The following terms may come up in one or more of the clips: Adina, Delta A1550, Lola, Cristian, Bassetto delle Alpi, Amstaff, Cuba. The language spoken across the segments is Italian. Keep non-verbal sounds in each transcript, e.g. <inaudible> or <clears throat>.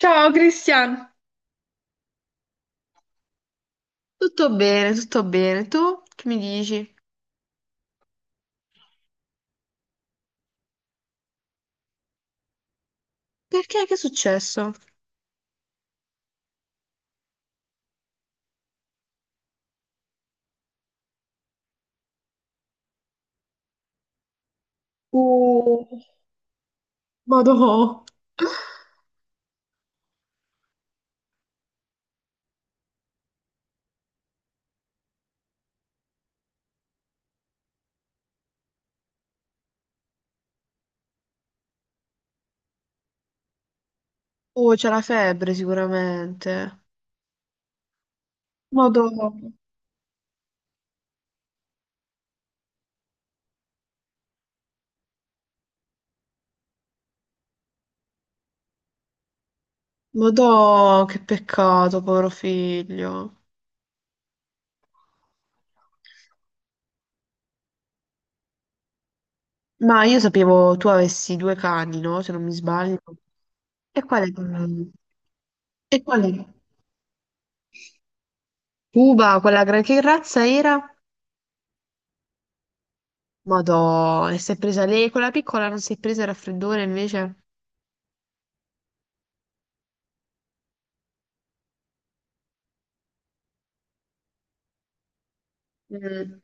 Ciao Cristian. Tutto bene, tutto bene. Tu che mi dici? Perché? Che è successo? Uh, Madò. Oh, c'è la febbre sicuramente. Madò. Madò, che peccato, povero figlio. Ma io sapevo tu avessi due cani, no? Se non mi sbaglio. E quale? E quale? Cuba, quella che razza era? Madò, e si è presa lei, quella piccola non si è presa il raffreddore invece? Mm.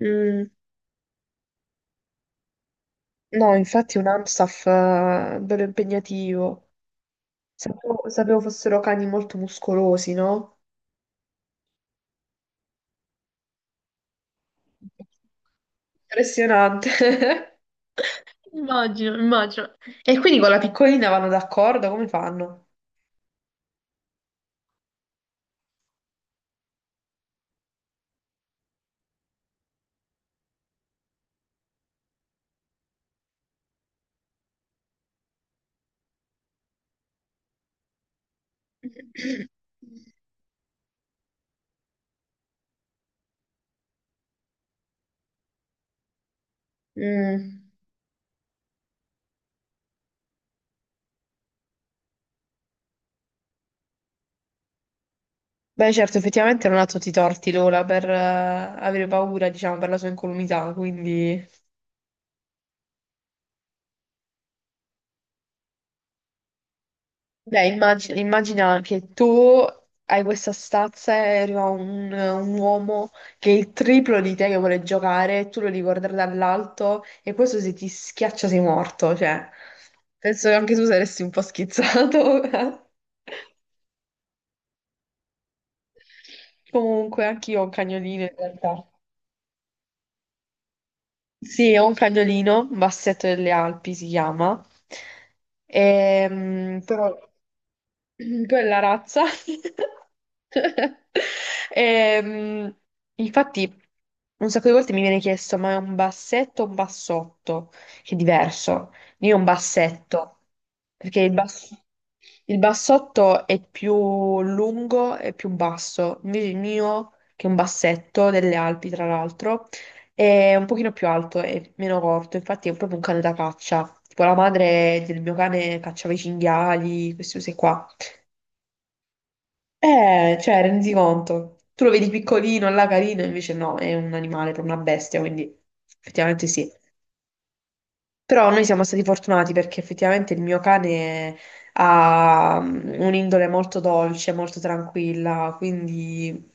Mm, no, infatti un Amstaff bello impegnativo. Sapevo, sapevo fossero cani molto muscolosi, no? Impressionante. <laughs> Immagino, immagino. E quindi con la piccolina vanno d'accordo? Come fanno? <clears throat> Mm. Beh, certo, effettivamente non ha tutti i torti Lola per avere paura, diciamo, per la sua incolumità, quindi. Beh, immagina, immagina che tu hai questa stazza e arriva un uomo che è il triplo di te che vuole giocare, e tu lo devi guardare dall'alto e questo se ti schiaccia sei morto, cioè penso che anche tu saresti un po' schizzato. <laughs> Comunque, anche io ho un cagnolino in realtà. Sì, ho un cagnolino, Bassetto delle Alpi si chiama. Però <clears throat> quella razza. <laughs> Ehm, infatti, un sacco di volte mi viene chiesto: ma è un bassetto o un bassotto? Che è diverso. Io un bassetto, perché il bassotto è più lungo e più basso, invece il mio, che è un bassetto delle Alpi, tra l'altro, è un pochino più alto e meno corto, infatti è proprio un cane da caccia. Tipo la madre del mio cane cacciava i cinghiali, queste cose qua. Cioè, rendi conto. Tu lo vedi piccolino, là carino, invece no, è un animale, per una bestia, quindi effettivamente sì. Però noi siamo stati fortunati perché effettivamente il mio cane ha un'indole molto dolce, molto tranquilla, quindi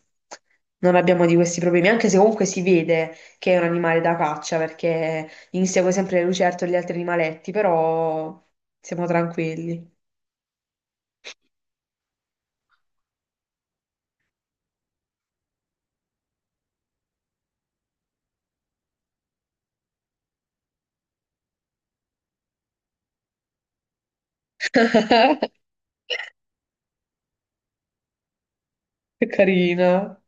non abbiamo di questi problemi, anche se comunque si vede che è un animale da caccia perché insegue sempre le lucertole e gli altri animaletti, però siamo tranquilli. <laughs> Che carina.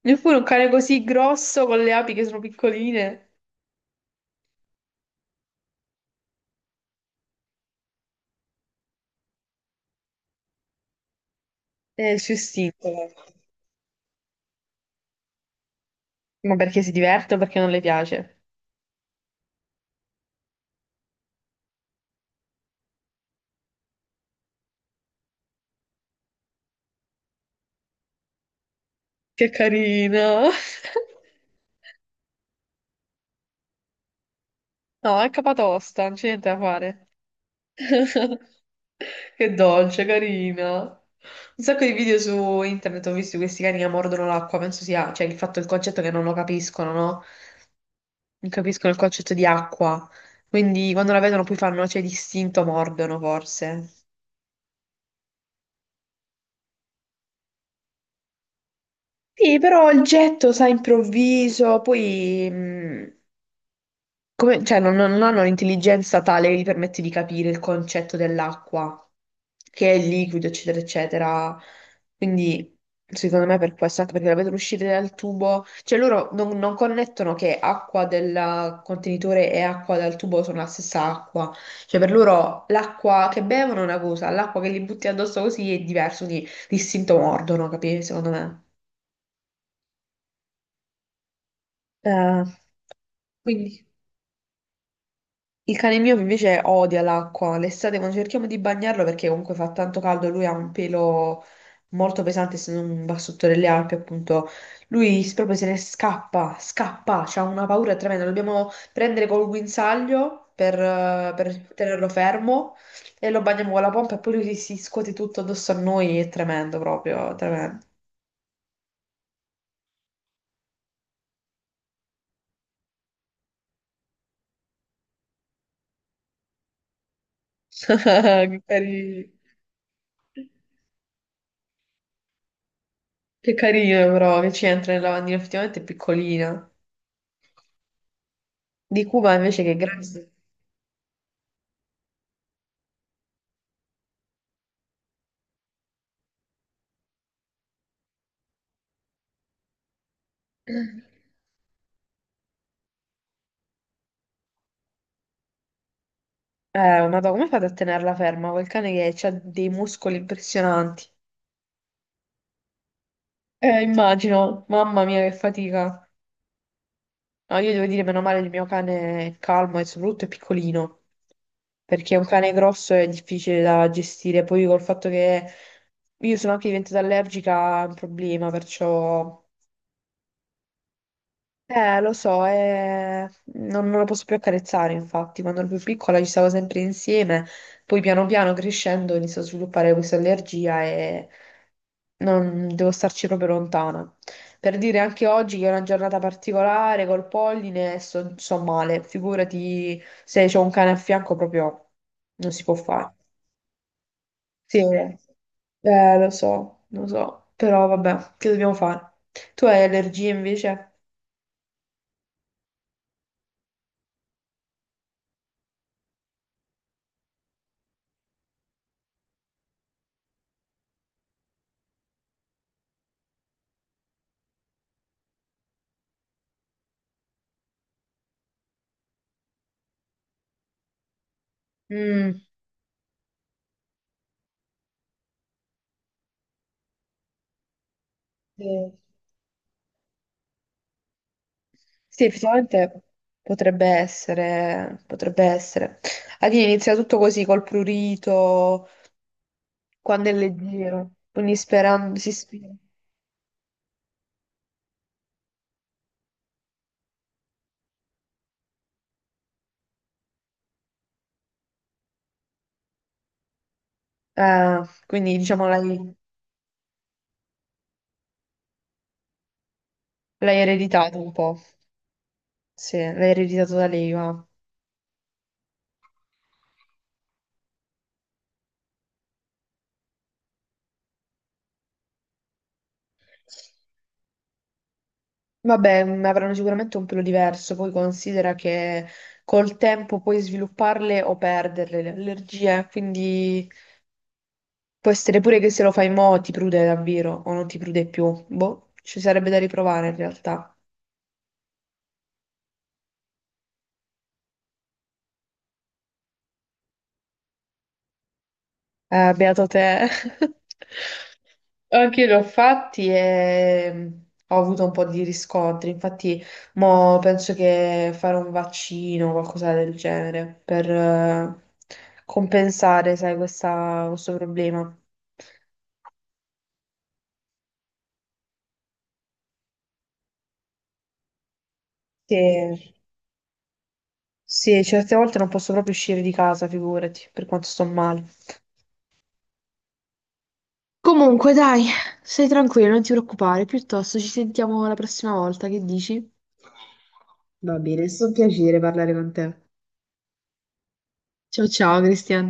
Neppure un cane così grosso con le api che sono piccoline. È il suo istinto, guarda. Ma perché si diverte o perché non le piace? Che carino. <laughs> No, è capatosta, non c'è niente da fare. <laughs> Che dolce, carina. Un sacco di video su internet ho visto di questi cani che mordono l'acqua, penso sia, cioè il fatto, il concetto che non lo capiscono, no? Non capiscono il concetto di acqua. Quindi quando la vedono poi fanno, cioè, distinto mordono forse. Sì, però il getto, sai, improvviso, poi cioè, non hanno un'intelligenza tale che gli permette di capire il concetto dell'acqua, che è liquido, eccetera, eccetera. Quindi, secondo me, per questo, anche perché la vedono uscire dal tubo, cioè loro non connettono che acqua del contenitore e acqua dal tubo sono la stessa acqua. Cioè, per loro l'acqua che bevono è una cosa, l'acqua che gli butti addosso così è diverso, quindi distinto mordono, capisci? Secondo me. Eh, quindi il cane mio invece odia l'acqua. L'estate quando cerchiamo di bagnarlo perché comunque fa tanto caldo, lui ha un pelo molto pesante, essendo un bassotto delle Alpi, appunto. Lui proprio se ne scappa, scappa, c'ha una paura tremenda. Lo dobbiamo prendere col guinzaglio per tenerlo fermo e lo bagniamo con la pompa e poi lui si scuote tutto addosso a noi. È tremendo proprio, tremendo. <laughs> Che carino, che carino però che ci entra nel lavandino, effettivamente è piccolina. Di Cuba invece che è grande. Eh, Madonna, come fate a tenerla ferma? Quel cane che ha dei muscoli impressionanti. Immagino, mamma mia, che fatica. No, io devo dire, meno male, il mio cane è calmo e soprattutto è piccolino, perché un cane grosso è difficile da gestire. Poi col fatto che io sono anche diventata allergica è un problema, perciò. Lo so, non la posso più accarezzare, infatti, quando ero più piccola ci stavo sempre insieme, poi piano piano crescendo inizio a sviluppare questa allergia e non devo starci proprio lontana. Per dire anche oggi che è una giornata particolare col polline, sto male, figurati se c'ho un cane a fianco proprio non si può fare. Sì, lo so, però vabbè, che dobbiamo fare? Tu hai allergie invece? Mm. Sì. Sì, effettivamente potrebbe essere, potrebbe essere. Adina inizia tutto così col prurito, quando è leggero, quindi sperando, si spera. Ah, quindi diciamo l'hai ereditato un po', sì, l'hai ereditato da lei, ma vabbè, avranno sicuramente un pelo diverso, poi considera che col tempo puoi svilupparle o perderle le allergie, quindi può essere pure che se lo fai mo' ti prude davvero, o non ti prude più. Boh, ci sarebbe da riprovare in realtà. Beato te. <laughs> Anche io li ho fatti e ho avuto un po' di riscontri. Infatti, mo penso che fare un vaccino o qualcosa del genere per compensare, sai, questo problema. Che, sì, certe volte non posso proprio uscire di casa, figurati, per quanto sto male. Comunque, dai, stai tranquillo, non ti preoccupare, piuttosto ci sentiamo la prossima volta, che dici? Va bene, è stato un piacere parlare con te. Ciao ciao, Cristian.